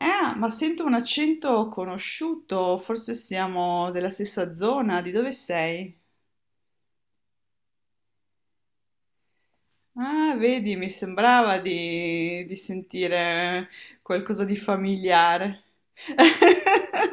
Ah, ma sento un accento conosciuto, forse siamo della stessa zona, di dove sei? Ah, vedi, mi sembrava di sentire qualcosa di familiare.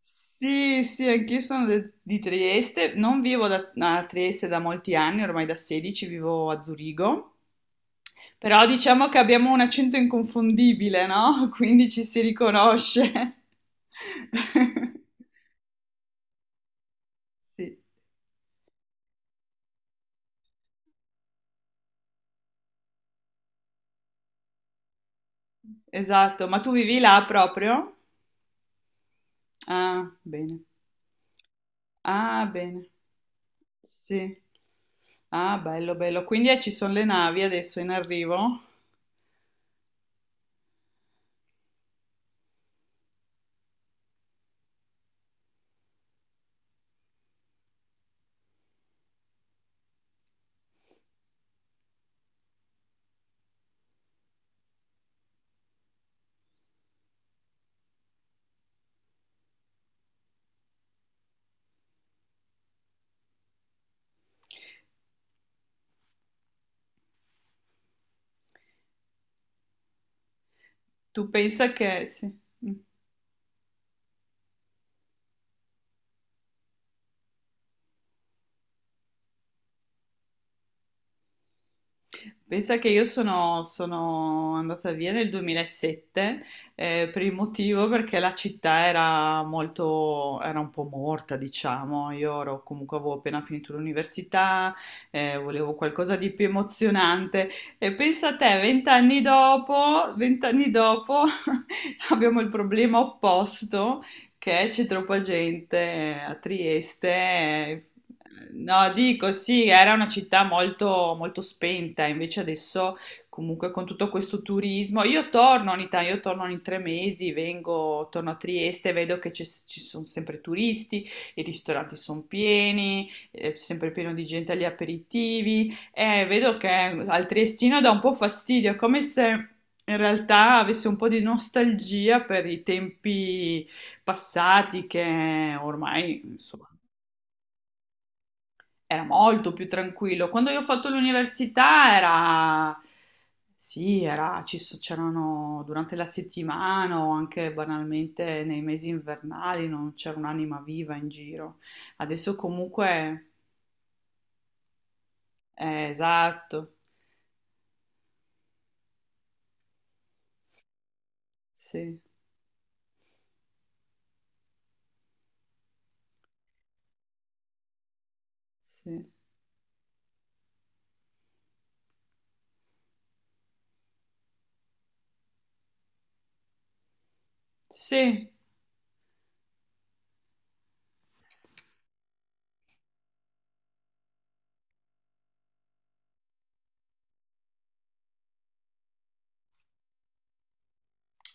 Sì, sì, anch'io sono di Trieste, non vivo da- a Trieste da molti anni, ormai da 16 vivo a Zurigo, però diciamo che abbiamo un accento inconfondibile, no? Quindi ci si riconosce. Sì. Esatto, ma tu vivi là proprio? Ah, bene. Ah, bene. Sì. Ah, bello, bello. Quindi ci sono le navi adesso in arrivo? Tu pensa che... Sì. Mm. Pensa che io sono andata via nel 2007, per il motivo perché la città era molto, era un po' morta, diciamo. Io ero, comunque avevo appena finito l'università, volevo qualcosa di più emozionante. E pensa a te, vent'anni dopo, vent'anni dopo, abbiamo il problema opposto. Che c'è troppa gente a Trieste, no, dico sì, era una città molto, molto spenta, invece adesso comunque con tutto questo turismo, io torno ogni tanto, io torno ogni 3 mesi, vengo, torno a Trieste, vedo che ci sono sempre turisti, i ristoranti sono pieni, è sempre pieno di gente agli aperitivi, e vedo che al triestino dà un po' fastidio, è come se in realtà avesse un po' di nostalgia per i tempi passati che ormai, insomma era molto più tranquillo. Quando io ho fatto l'università era, sì, era, c'erano durante la settimana o anche banalmente nei mesi invernali non c'era un'anima viva in giro. Adesso comunque, esatto, sì, sì, sì.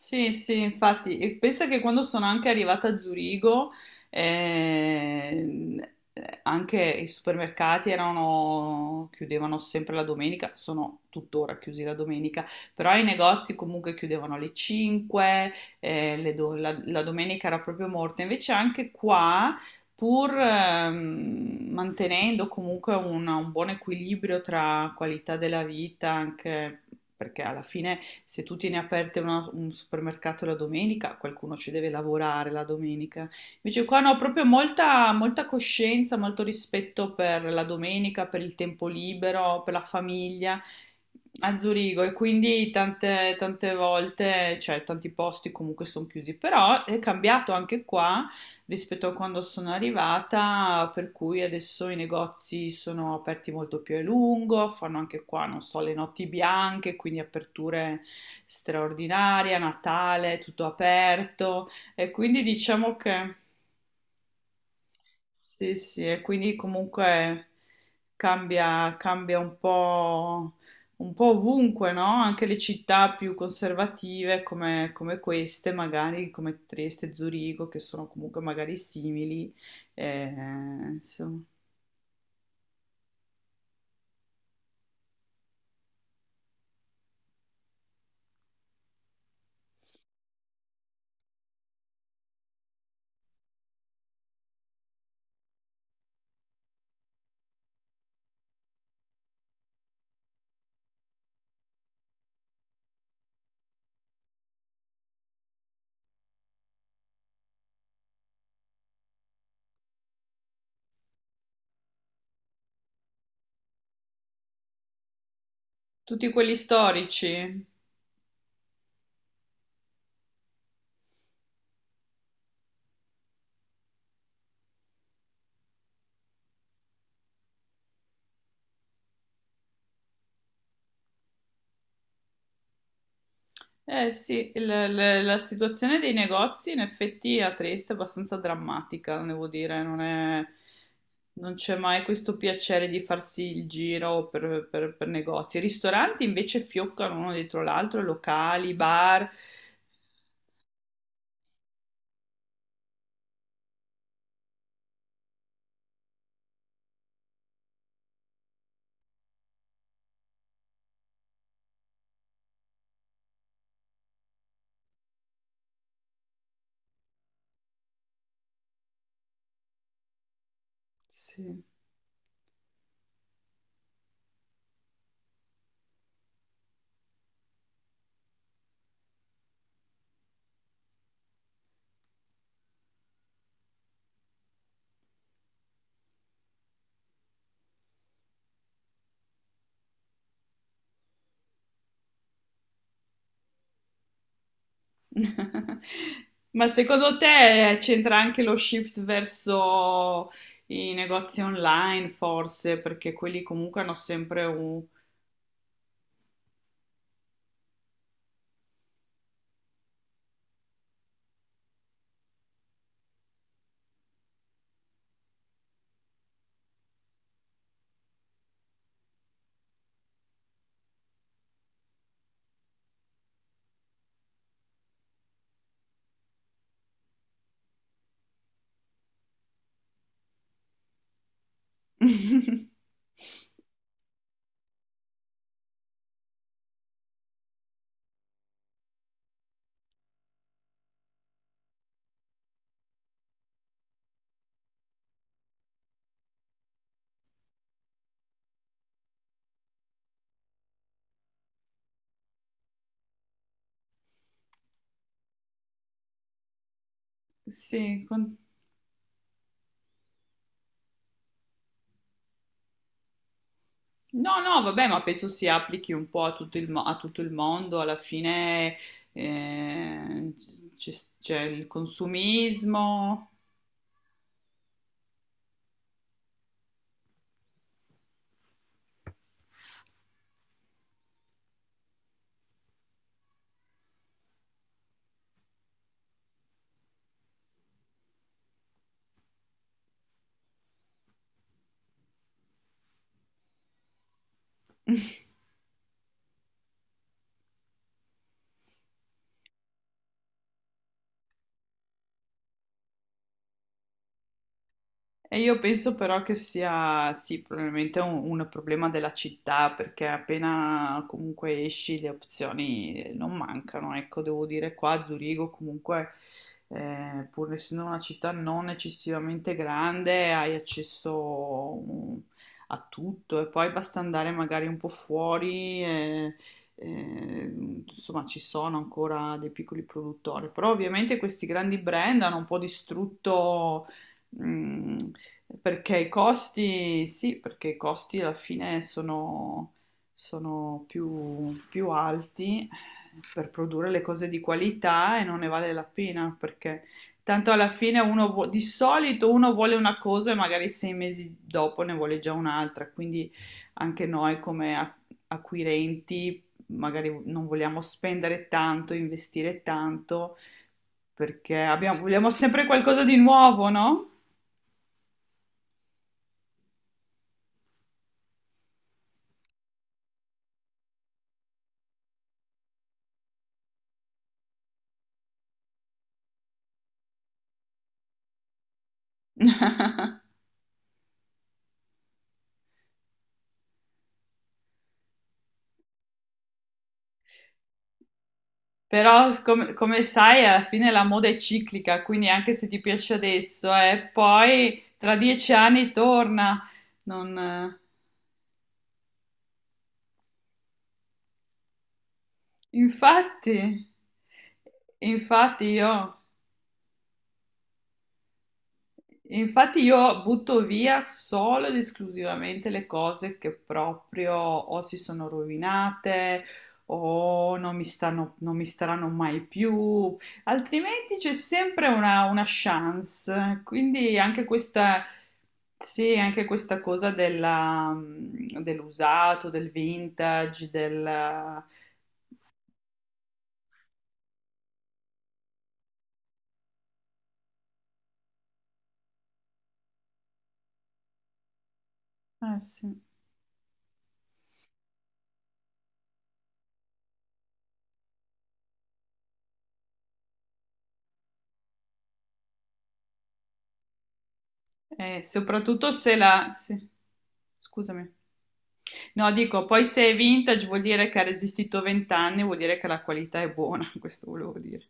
Sì, sì, infatti, e pensa che quando sono anche arrivata a Zurigo, ehm, anche i supermercati erano, chiudevano sempre la domenica, sono tuttora chiusi la domenica, però i negozi comunque chiudevano alle 5, la domenica era proprio morta. Invece anche qua pur mantenendo comunque un buon equilibrio tra qualità della vita, anche perché alla fine se tu tieni aperte un supermercato la domenica, qualcuno ci deve lavorare la domenica. Invece qua no, proprio molta, molta coscienza, molto rispetto per la domenica, per il tempo libero, per la famiglia a Zurigo e quindi tante, tante volte, cioè tanti posti comunque sono chiusi, però è cambiato anche qua rispetto a quando sono arrivata, per cui adesso i negozi sono aperti molto più a lungo, fanno anche qua, non so, le notti bianche, quindi aperture straordinarie, Natale, tutto aperto e quindi diciamo che sì, sì, e quindi comunque cambia, cambia un po' ovunque, no? Anche le città più conservative come, come queste, magari come Trieste, Zurigo, che sono comunque magari simili, eh, insomma, tutti quelli storici. Eh sì, la situazione dei negozi in effetti a Trieste è abbastanza drammatica, devo dire, non c'è mai questo piacere di farsi il giro per, per negozi. I ristoranti invece fioccano uno dietro l'altro, locali, bar. Sì. Ma secondo te c'entra anche lo shift verso i negozi online, forse, perché quelli comunque hanno sempre un... Sì, con- No, no, vabbè, ma penso si applichi un po' a tutto il, a tutto il mondo, alla fine c'è c'è il consumismo. E io penso però che sia, sì, probabilmente un problema della città, perché appena comunque esci le opzioni non mancano. Ecco, devo dire qua a Zurigo comunque, pur essendo una città non eccessivamente grande, hai accesso a tutto e poi basta andare magari un po' fuori. Eh, insomma, ci sono ancora dei piccoli produttori, però ovviamente questi grandi brand hanno un po' distrutto. Mm, perché i costi, sì, perché i costi alla fine sono, sono più, più alti per produrre le cose di qualità e non ne vale la pena perché tanto alla fine di solito uno vuole una cosa e magari sei mesi dopo ne vuole già un'altra, quindi anche noi come acquirenti magari non vogliamo spendere tanto, investire tanto perché vogliamo sempre qualcosa di nuovo, no? Però, come, come sai, alla fine la moda è ciclica, quindi anche se ti piace adesso, poi tra 10 anni torna. Non... Infatti, infatti io... infatti io butto via solo ed esclusivamente le cose che proprio o si sono rovinate o non mi stanno, non mi staranno mai più, altrimenti c'è sempre una chance. Quindi anche questa, sì, anche questa cosa della, mm, dell'usato, del vintage, del... sì. Soprattutto se la... sì. Scusami. No, dico, poi se è vintage vuol dire che ha resistito 20 anni, vuol dire che la qualità è buona, questo volevo dire.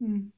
Mm.